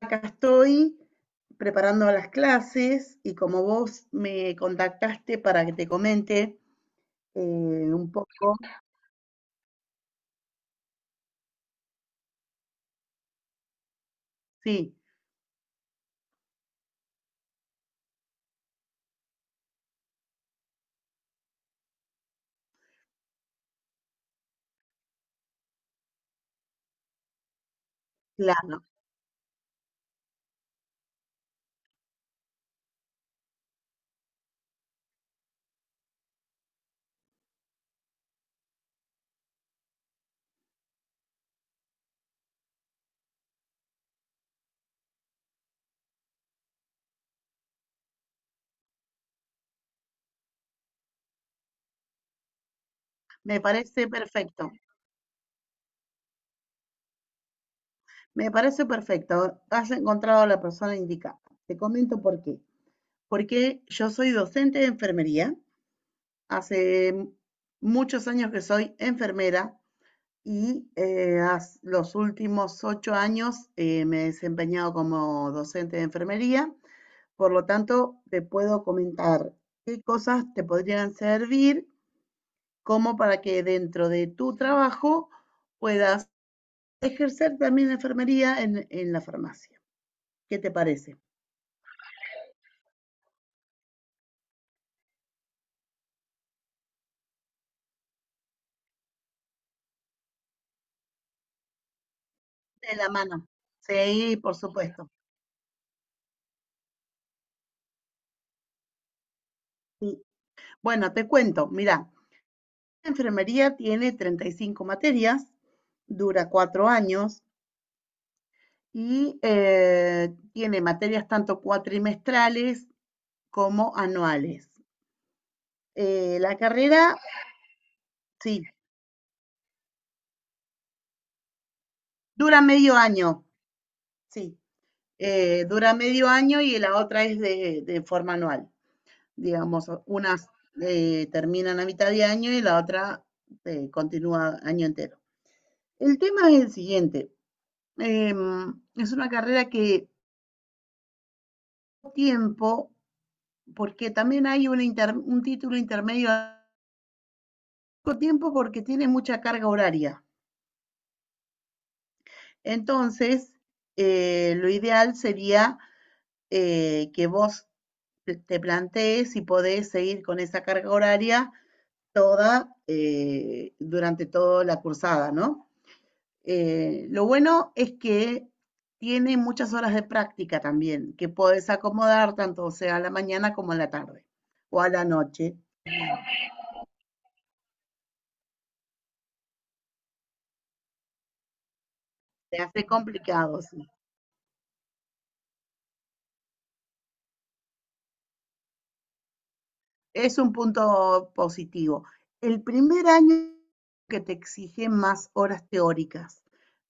Acá estoy preparando las clases y como vos me contactaste para que te comente un poco, sí, claro, me parece perfecto, me parece perfecto, has encontrado a la persona indicada. Te comento por qué. Porque yo soy docente de enfermería, hace muchos años que soy enfermera y los últimos 8 años me he desempeñado como docente de enfermería. Por lo tanto, te puedo comentar qué cosas te podrían servir como para que dentro de tu trabajo puedas ejercer también la enfermería en la farmacia. ¿Qué te parece? De la mano. Sí, por supuesto. Sí. Bueno, te cuento, mira, la enfermería tiene 35 materias, dura 4 años y tiene materias tanto cuatrimestrales como anuales. La carrera, sí, dura medio año, sí. Dura medio año y la otra es de forma anual. Digamos, unas terminan a mitad de año y la otra continúa año entero. El tema es el siguiente. Eh, es una carrera que tiempo, porque también hay un título intermedio a poco tiempo porque tiene mucha carga horaria. Entonces, lo ideal sería que vos te plantees si podés seguir con esa carga horaria toda durante toda la cursada, ¿no? Lo bueno es que tiene muchas horas de práctica también, que podés acomodar tanto sea a la mañana como a la tarde o a la noche. Se hace complicado, sí. Es un punto positivo. El primer año que te exige más horas teóricas,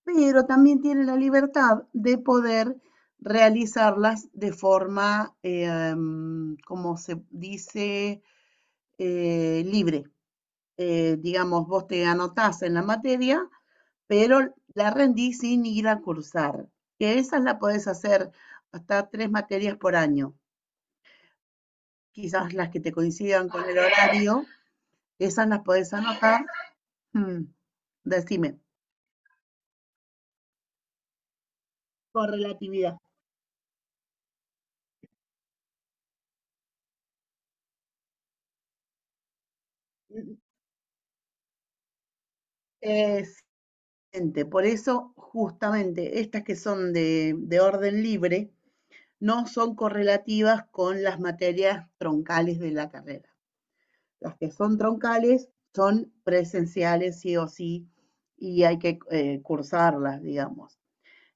pero también tiene la libertad de poder realizarlas de forma, como se dice, libre. Digamos, vos te anotás en la materia, pero la rendís sin ir a cursar, que esas la podés hacer hasta 3 materias por año, quizás las que te coincidan con el horario. Esas las podés anotar. Mm, decime. Correlatividad. Excelente. Por eso, justamente, estas que son de orden libre no son correlativas con las materias troncales de la carrera. Las que son troncales son presenciales sí o sí y hay que cursarlas, digamos.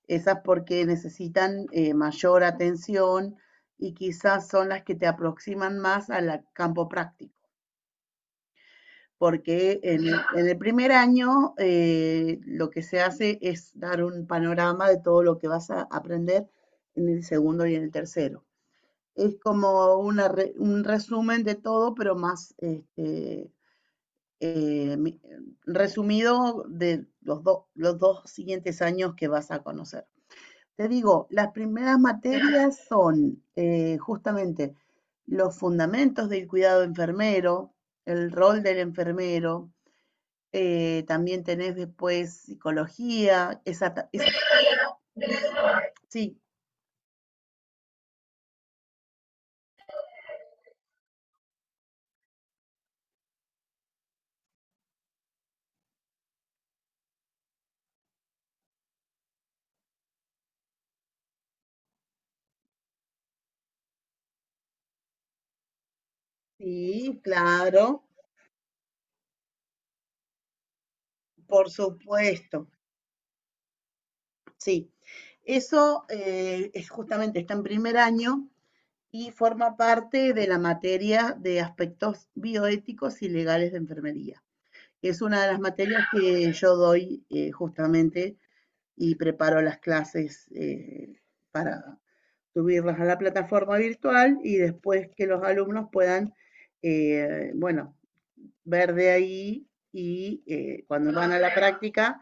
Esas porque necesitan mayor atención y quizás son las que te aproximan más al campo práctico. Porque en el primer año lo que se hace es dar un panorama de todo lo que vas a aprender en el segundo y en el tercero. Es como un resumen de todo, pero más este, eh, resumido de los dos siguientes años que vas a conocer. Te digo, las primeras materias son justamente los fundamentos del cuidado enfermero, el rol del enfermero, también tenés después psicología, esa. Sí, sí, claro, por supuesto, sí. Eso es justamente está en primer año y forma parte de la materia de aspectos bioéticos y legales de enfermería. Es una de las materias que yo doy justamente y preparo las clases para subirlas a la plataforma virtual y después que los alumnos puedan, bueno, ver de ahí y cuando van a la práctica,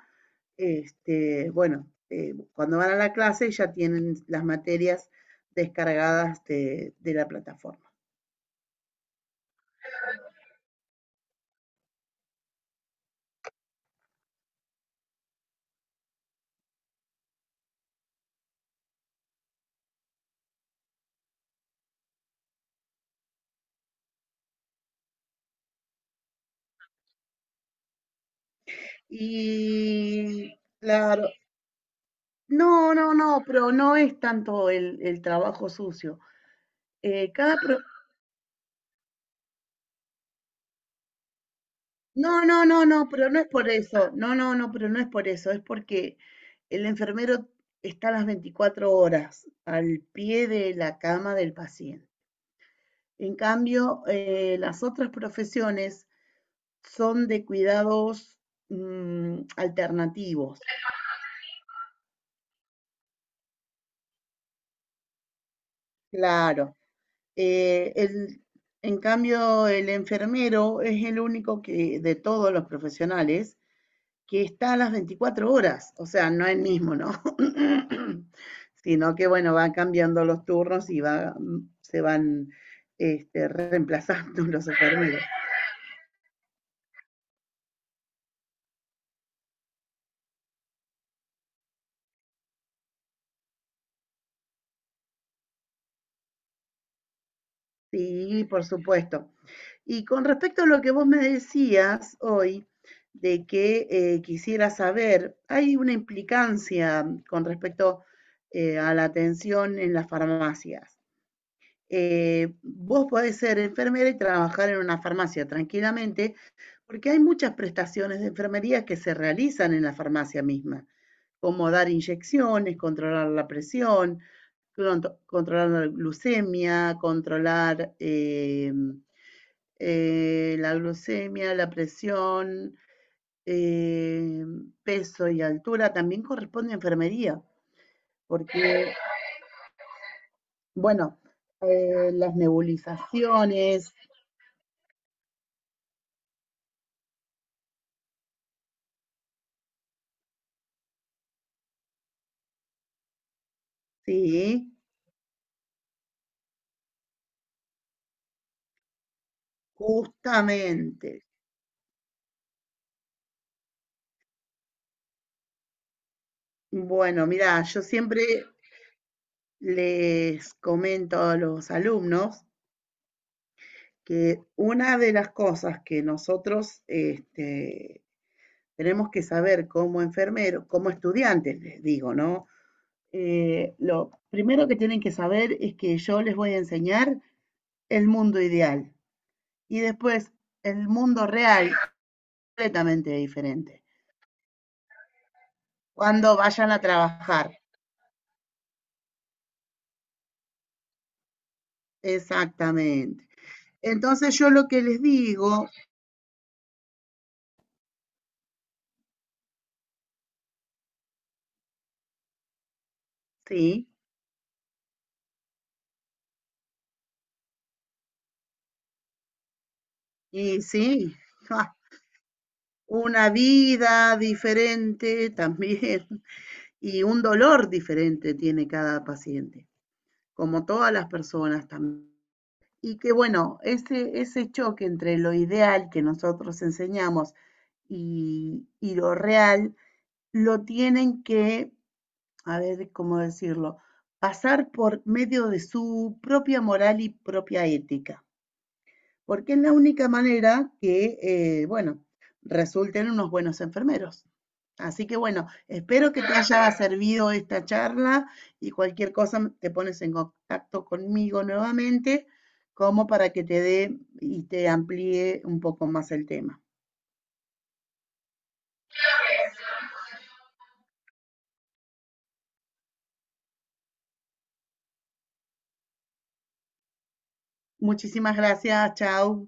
este, bueno, cuando van a la clase ya tienen las materias descargadas de la plataforma. Y claro, no, no, no, pero no es tanto el trabajo sucio. Eh, cada, pro- No, no, no, no, pero no es por eso. No, no, no, pero no es por eso. Es porque el enfermero está las 24 horas al pie de la cama del paciente. En cambio, las otras profesiones son de cuidados mm, alternativos. Claro. Eh, el- en cambio, el enfermero es el único que, de todos los profesionales, que está a las 24 horas, o sea, no el mismo, ¿no? Sino que, bueno, van cambiando los turnos y va, se van este, reemplazando los enfermeros. Sí, por supuesto. Y con respecto a lo que vos me decías hoy, de que quisiera saber, hay una implicancia con respecto a la atención en las farmacias. Vos podés ser enfermera y trabajar en una farmacia tranquilamente, porque hay muchas prestaciones de enfermería que se realizan en la farmacia misma, como dar inyecciones, controlar la presión, controlar la glucemia, la presión, eh, peso y altura, también corresponde a enfermería, porque, bueno, las nebulizaciones, ¿sí? Justamente. Bueno, mira, yo siempre les comento a los alumnos que una de las cosas que nosotros este, tenemos que saber como enfermeros, como estudiantes, les digo, ¿no? Lo primero que tienen que saber es que yo les voy a enseñar el mundo ideal y después el mundo real completamente diferente. Cuando vayan a trabajar, exactamente. Entonces yo lo que les digo sí, y sí, ¡ja! Una vida diferente también, y un dolor diferente tiene cada paciente, como todas las personas también. Y que bueno, ese choque entre lo ideal que nosotros enseñamos y lo real, lo tienen que, a ver cómo decirlo, pasar por medio de su propia moral y propia ética. Porque es la única manera que, bueno, resulten unos buenos enfermeros. Así que bueno, espero que te haya servido esta charla y cualquier cosa te pones en contacto conmigo nuevamente como para que te dé y te amplíe un poco más el tema. Muchísimas gracias, chao.